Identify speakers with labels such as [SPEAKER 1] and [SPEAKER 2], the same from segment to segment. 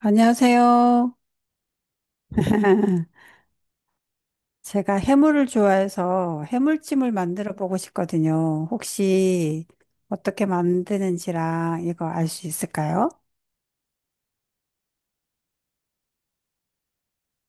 [SPEAKER 1] 안녕하세요. 제가 해물을 좋아해서 해물찜을 만들어 보고 싶거든요. 혹시 어떻게 만드는지랑 이거 알 수 있을까요?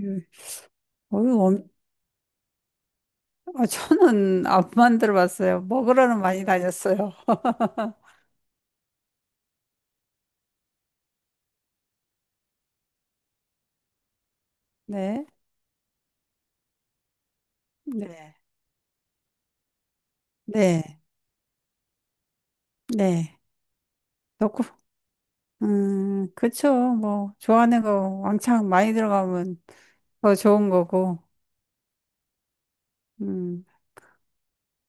[SPEAKER 1] 음. 어유, 엄- 저는 안 만들어 봤어요. 먹으러는 많이 다녔어요. 네. 네. 네. 네. 넣고, 그쵸. 뭐, 좋아하는 거 왕창 많이 들어가면 더 좋은 거고. 음,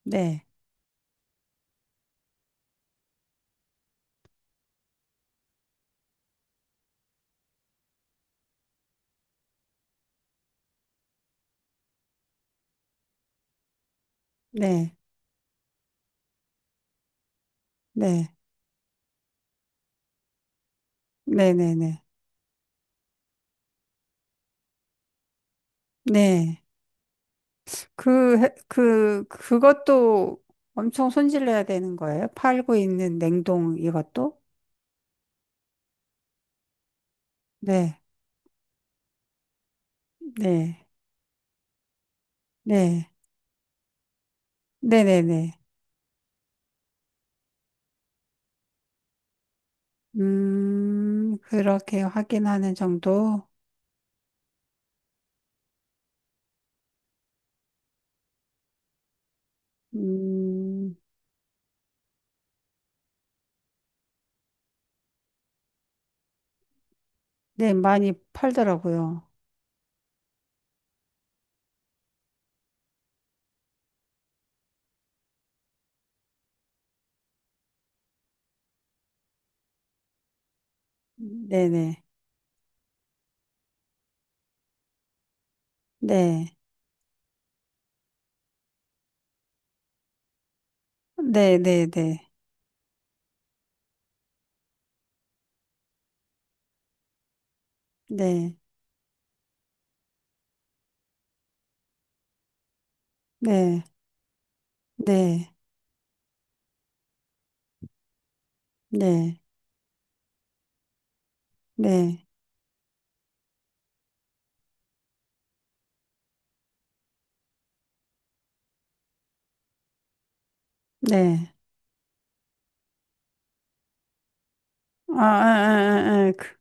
[SPEAKER 1] 네. 네. 네. 네네네. 네. 그것도 엄청 손질해야 되는 거예요? 팔고 있는 냉동 이것도? 네. 네. 네. 네네네. 그렇게 확인하는 정도? 음, 네. 많이 팔더라고요. 네네. 네. 네네네. 네. 네. 네. 네. 네. 네. 네. 아, 아, 아, 아. 아. 그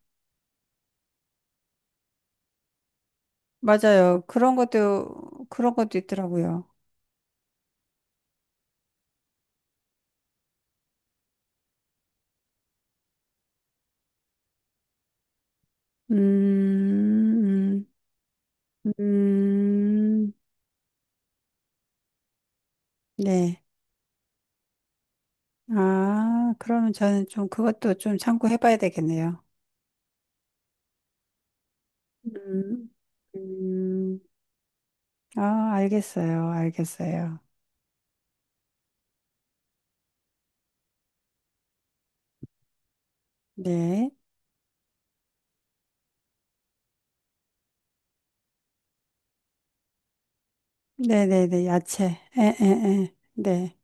[SPEAKER 1] 맞아요. 그런 것도, 그런 것도 있더라고요. 음, 음, 음, 네. 아, 그러면 저는 좀 그것도 좀 참고해 봐야 되겠네요. 음, 음, 아, 알겠어요. 알겠어요. 네. 네네네. 야채. 에, 에, 에. 네.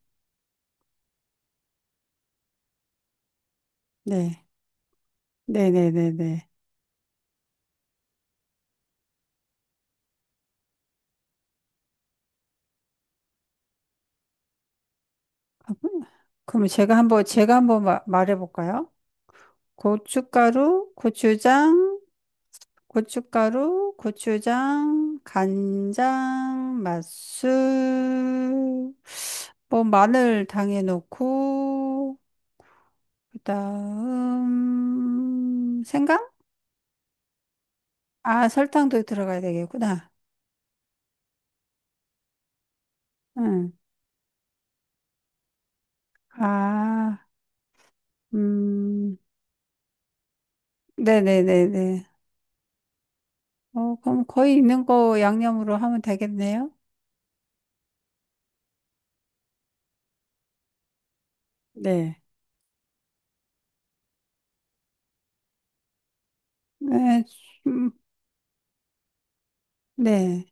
[SPEAKER 1] 네. 네네네네. 그러면 말해 볼까요? 고춧가루, 고추장, 고춧가루, 고추장, 간장, 맛술, 뭐 마늘 당에 넣고 그다음 생강? 아, 설탕도 들어가야 되겠구나. 응. 아, 음, 네네네네. 어, 그럼 거의 있는 거 양념으로 하면 되겠네요. 네. 네, 음, 네,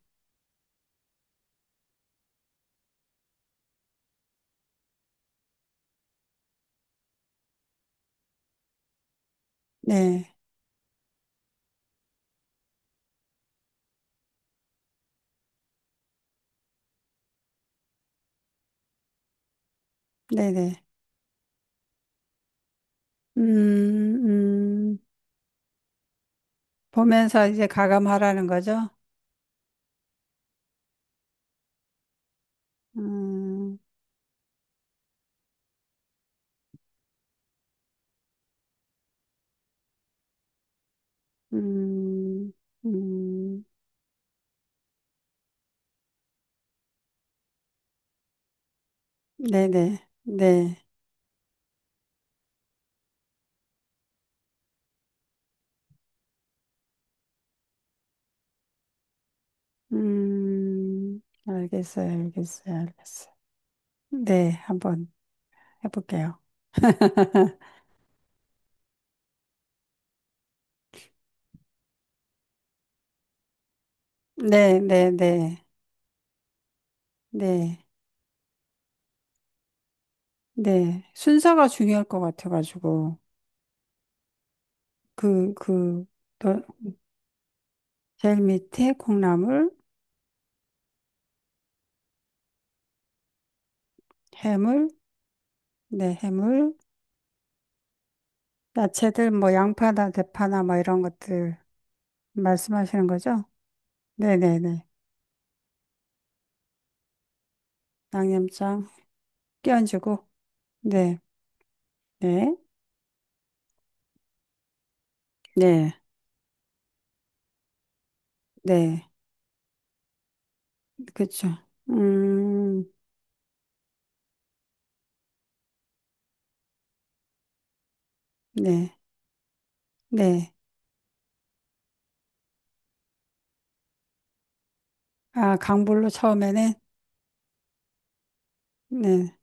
[SPEAKER 1] 네, 네네. 음, 음. 보면서 이제 가감하라는 거죠. 음, 음, 음, 네네, 네. 음, 알겠어요, 알겠어요, 알겠어요. 네, 한번 해볼게요. 네, 네, 네, 네, 네. 순서가 중요할 것 같아가지고. 그, 그, 또 제일 밑에 콩나물, 해물, 네, 해물, 야채들, 뭐, 양파나 대파나 뭐 이런 것들 말씀하시는 거죠? 네네네. 양념장 끼얹고 네, 네, 네, 네, 그쵸. 음, 네, 네. 아, 강불로 처음에는 네,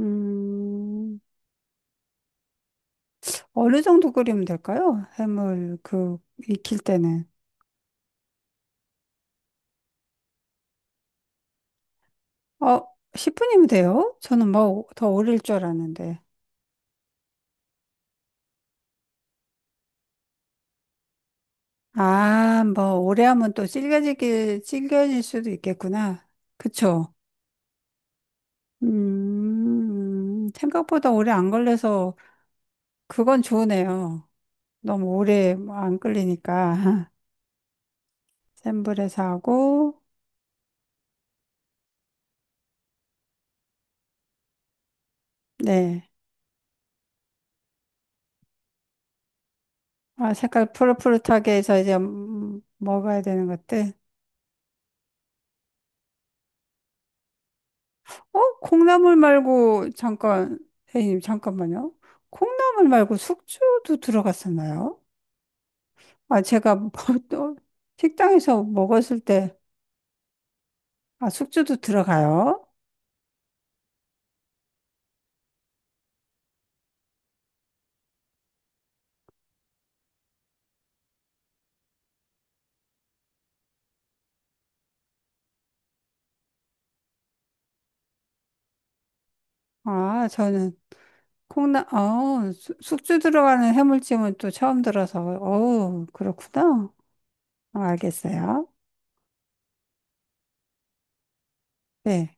[SPEAKER 1] 음, 어느 정도 끓이면 될까요? 해물 그 익힐 때는 어, 10분이면 돼요? 저는 뭐 더 오래일 줄 알았는데. 아, 뭐 오래 하면 또 질겨지기 질겨질 수도 있겠구나. 그쵸? 생각보다 오래 안 걸려서 그건 좋으네요. 너무 오래 뭐 안 끓이니까 센 불에서 하고 네. 아, 색깔 푸릇푸릇하게 해서 이제 먹어야 되는 것들. 어? 콩나물 말고 잠깐 선생님 잠깐만요. 콩나물 말고 숙주도 들어갔었나요? 아, 제가 뭐 또 식당에서 먹었을 때 아, 숙주도 들어가요? 아, 저는 숙주 들어가는 해물찜은 또 처음 들어서 어, 그렇구나. 아, 알겠어요. 네.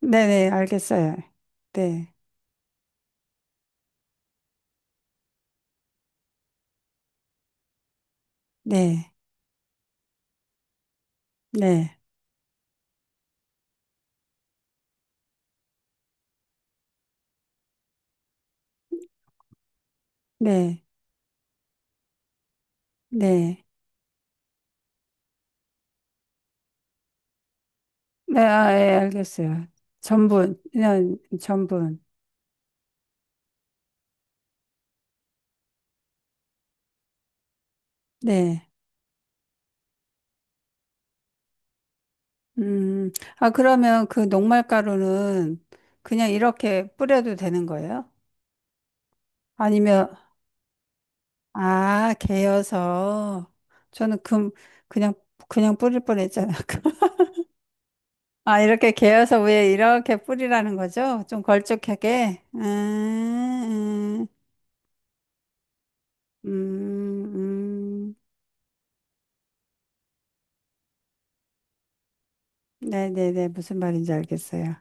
[SPEAKER 1] 네네, 알겠어요. 네, 네, 네, 네, 네. 네, 아, 예, 알겠어요. 전분, 그냥 전분. 네. 음, 아, 그러면 그 녹말가루는 그냥 이렇게 뿌려도 되는 거예요? 아니면, 아, 개여서. 저는 금, 그냥, 그냥 뿌릴 뻔했잖아요. 아, 이렇게 개어서 위에 이렇게 뿌리라는 거죠? 좀 걸쭉하게? 음, 음, 네네네. 무슨 말인지 알겠어요.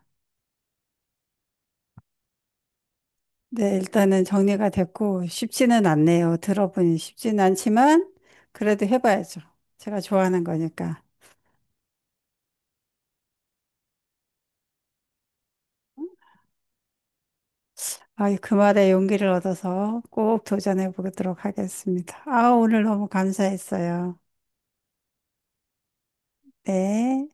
[SPEAKER 1] 네, 일단은 정리가 됐고, 쉽지는 않네요. 들어보니 쉽지는 않지만, 그래도 해봐야죠. 제가 좋아하는 거니까. 아, 그 말에 용기를 얻어서 꼭 도전해 보도록 하겠습니다. 아, 오늘 너무 감사했어요. 네.